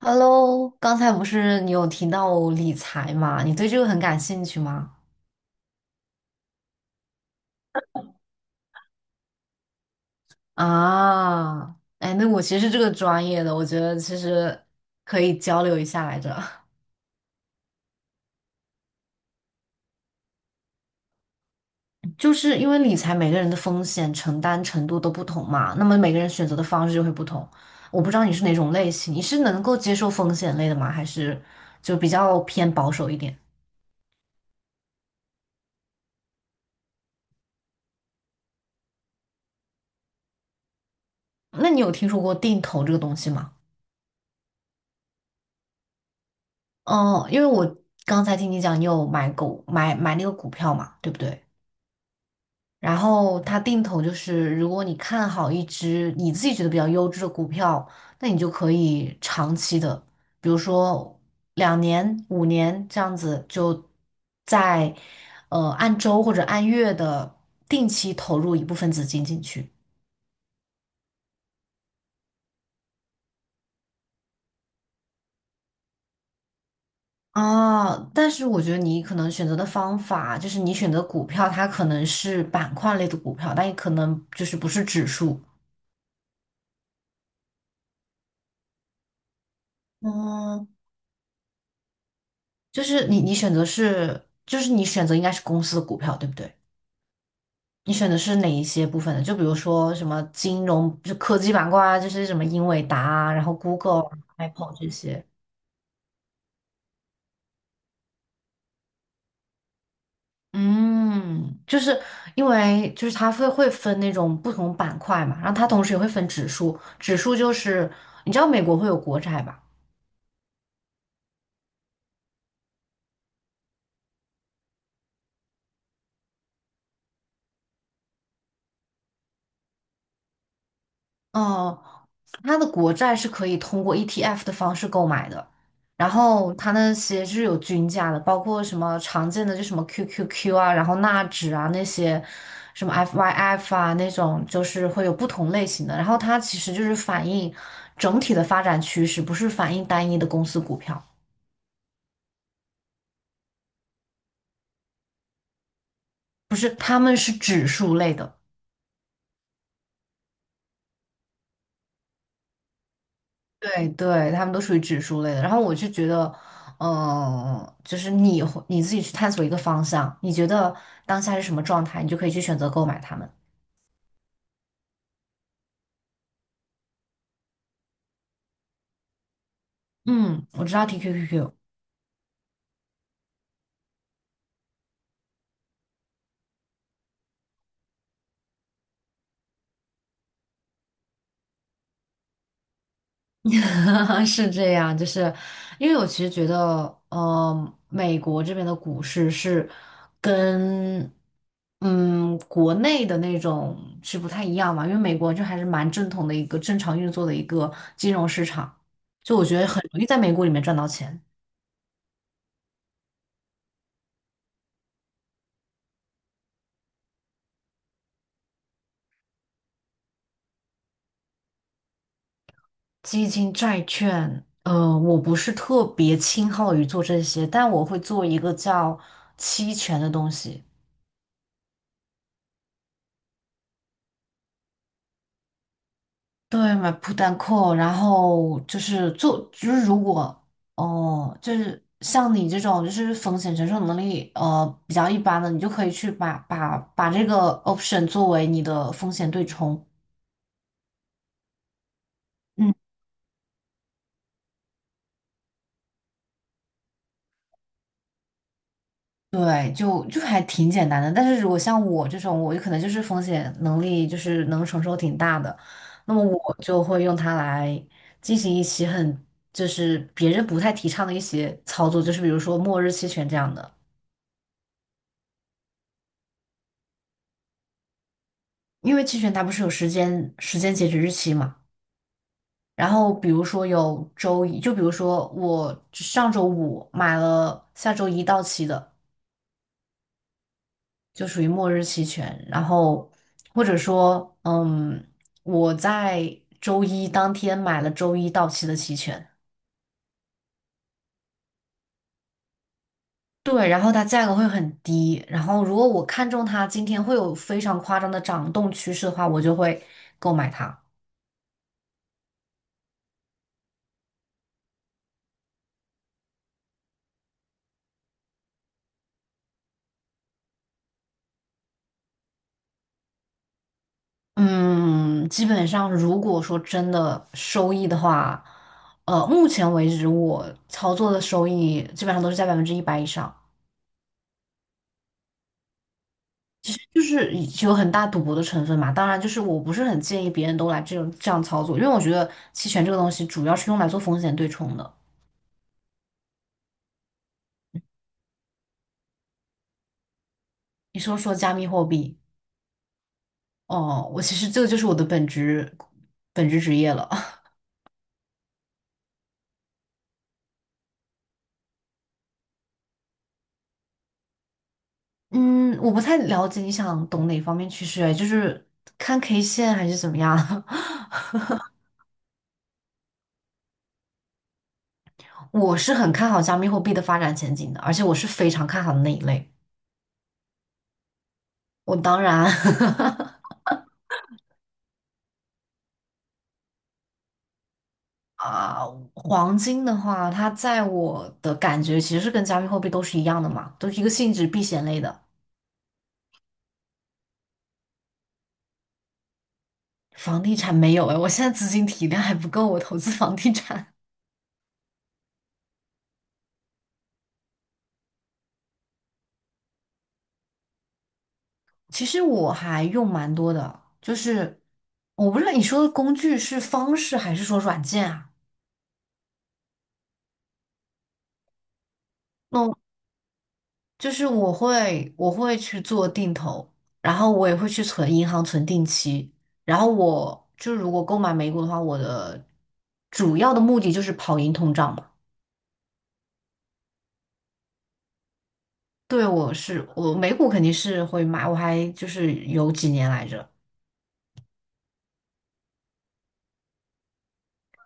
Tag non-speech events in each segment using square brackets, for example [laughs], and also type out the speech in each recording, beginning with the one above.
Hello，刚才不是你有提到理财嘛？你对这个很感兴趣吗？啊，哎，那我其实是这个专业的，我觉得其实可以交流一下来着。[laughs] 就是因为理财每个人的风险承担程度都不同嘛，那么每个人选择的方式就会不同。我不知道你是哪种类型，你是能够接受风险类的吗？还是就比较偏保守一点？那你有听说过定投这个东西吗？哦，因为我刚才听你讲，你有买那个股票嘛，对不对？然后它定投就是，如果你看好一只你自己觉得比较优质的股票，那你就可以长期的，比如说两年、五年这样子，就在按周或者按月的定期投入一部分资金进去。啊，但是我觉得你可能选择的方法，就是你选择股票，它可能是板块类的股票，但也可能就是不是指数。嗯，就是你选择是，就是你选择应该是公司的股票，对不对？你选的是哪一些部分的？就比如说什么金融，就科技板块啊，这些什么英伟达啊，然后 Google 啊、Apple 这些。嗯，就是因为就是它会分那种不同板块嘛，然后它同时也会分指数，指数就是你知道美国会有国债吧？哦，它的国债是可以通过 ETF 的方式购买的，然后它那些是有均价的，包括什么常见的就什么 QQQ 啊，然后纳指啊那些，什么 FYF 啊那种，就是会有不同类型的。然后它其实就是反映整体的发展趋势，不是反映单一的公司股票。不是，他们是指数类的。对对，他们都属于指数类的。然后我就觉得，就是你会你自己去探索一个方向，你觉得当下是什么状态，你就可以去选择购买它们。嗯，我知道 TQQQ。 [laughs] 是这样，就是因为我其实觉得，美国这边的股市是跟国内的那种是不太一样嘛，因为美国就还是蛮正统的一个正常运作的一个金融市场，就我觉得很容易在美股里面赚到钱。基金、债券，我不是特别倾好于做这些，但我会做一个叫期权的东西。对，买 put and call，然后就是做，就是如果哦，就是像你这种就是风险承受能力比较一般的，你就可以去把这个 option 作为你的风险对冲。嗯。对，就还挺简单的。但是如果像我这种，我就可能就是风险能力就是能承受挺大的，那么我就会用它来进行一些很就是别人不太提倡的一些操作，就是比如说末日期权这样的，因为期权它不是有时间截止日期嘛。然后比如说有周一，就比如说我上周五买了下周一到期的。就属于末日期权。然后或者说，我在周一当天买了周一到期的期权，对，然后它价格会很低。然后如果我看中它今天会有非常夸张的涨动趋势的话，我就会购买它。嗯，基本上如果说真的收益的话，目前为止我操作的收益基本上都是在100%以上。就是有很大赌博的成分嘛。当然，就是我不是很建议别人都来这种这样操作，因为我觉得期权这个东西主要是用来做风险对冲的。你说说加密货币。哦，我其实这个就是我的本职职业了。[laughs] 嗯，我不太了解你想懂哪方面趋势，哎，就是看 K 线还是怎么样？[laughs] 我是很看好加密货币的发展前景的，而且我是非常看好的那一类。我当然。[laughs] 啊，黄金的话，它在我的感觉其实是跟加密货币都是一样的嘛，都是一个性质避险类的。房地产没有哎，我现在资金体量还不够，我投资房地产。[laughs] 其实我还用蛮多的，就是我不知道你说的工具是方式还是说软件啊？那我就是我会去做定投，然后我也会去存银行存定期。然后我就如果购买美股的话，我的主要的目的就是跑赢通胀嘛。对，我是我美股肯定是会买，我还就是有几年来着。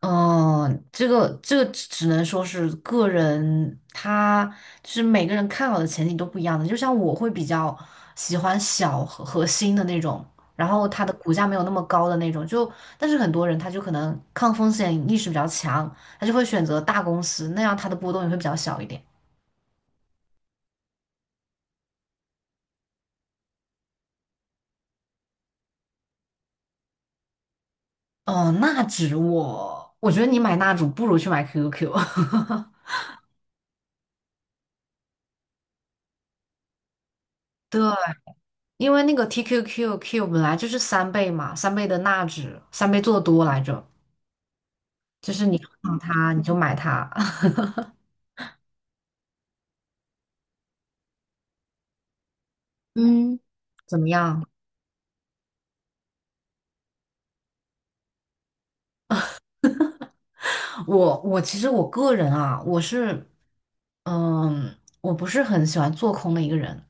嗯，这个这个只能说是个人，他就是每个人看好的前景都不一样的。就像我会比较喜欢小和核心的那种，然后它的股价没有那么高的那种。就但是很多人他就可能抗风险意识比较强，他就会选择大公司，那样它的波动也会比较小一点。哦，纳指我觉得你买纳指不如去买 QQQ。[laughs] 对，因为那个 TQQQ 本来就是三倍嘛，三倍的纳指，三倍做多来着，就是你看到它你就买它。[laughs] 嗯，怎么样？我其实我个人啊，我是，我不是很喜欢做空的一个人，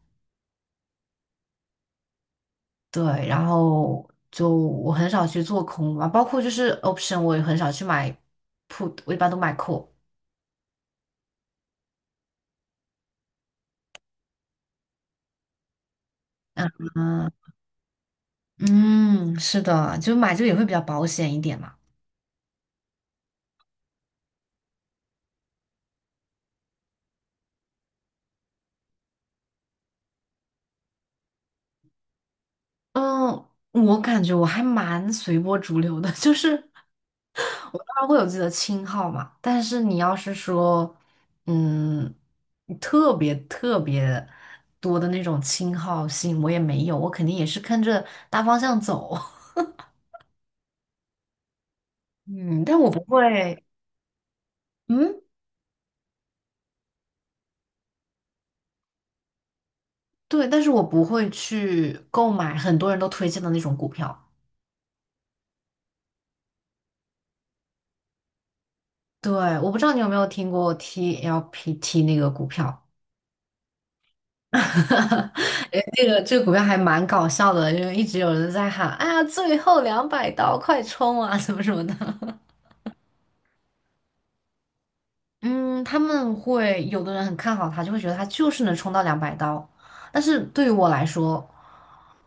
对，然后就我很少去做空嘛，包括就是 option 我也很少去买 put，我一般都买 call。嗯嗯，是的，就买这个也会比较保险一点嘛。嗯，我感觉我还蛮随波逐流的。[laughs] 就是我当然会有自己的亲号嘛，但是你要是说，嗯，特别特别多的那种亲好性，我也没有，我肯定也是跟着大方向走。[laughs] 嗯，但我不会，嗯，对，但是我不会去购买很多人都推荐的那种股票。对，我不知道你有没有听过 TLPT 那个股票。[laughs] 哎，这个这个股票还蛮搞笑的，因为一直有人在喊啊，最后两百刀，快冲啊，什么什么的。嗯，他们会有的人很看好它，就会觉得它就是能冲到两百刀。但是对于我来说，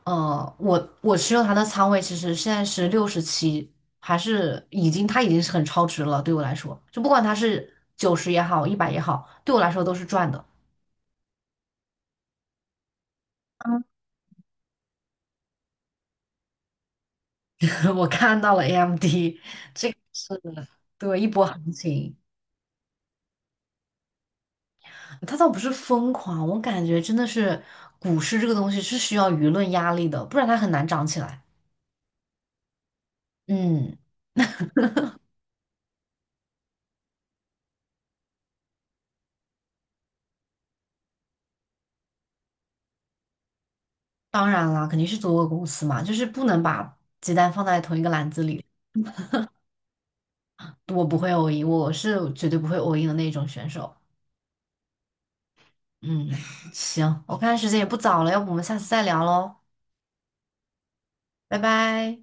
我持有它的仓位其实现在是67，还是已经它已经是很超值了。对我来说，就不管它是90也好，一百也好，对我来说都是赚的。[laughs] 我看到了 AMD，是的，对，一波行情。他倒不是疯狂，我感觉真的是股市这个东西是需要舆论压力的，不然它很难涨起来。嗯，当然啦，肯定是做个公司嘛，就是不能把鸡蛋放在同一个篮子里。我不会 a 赢，我是绝对不会 a 赢的那种选手。嗯，行，我看时间也不早了，要不我们下次再聊喽，拜拜。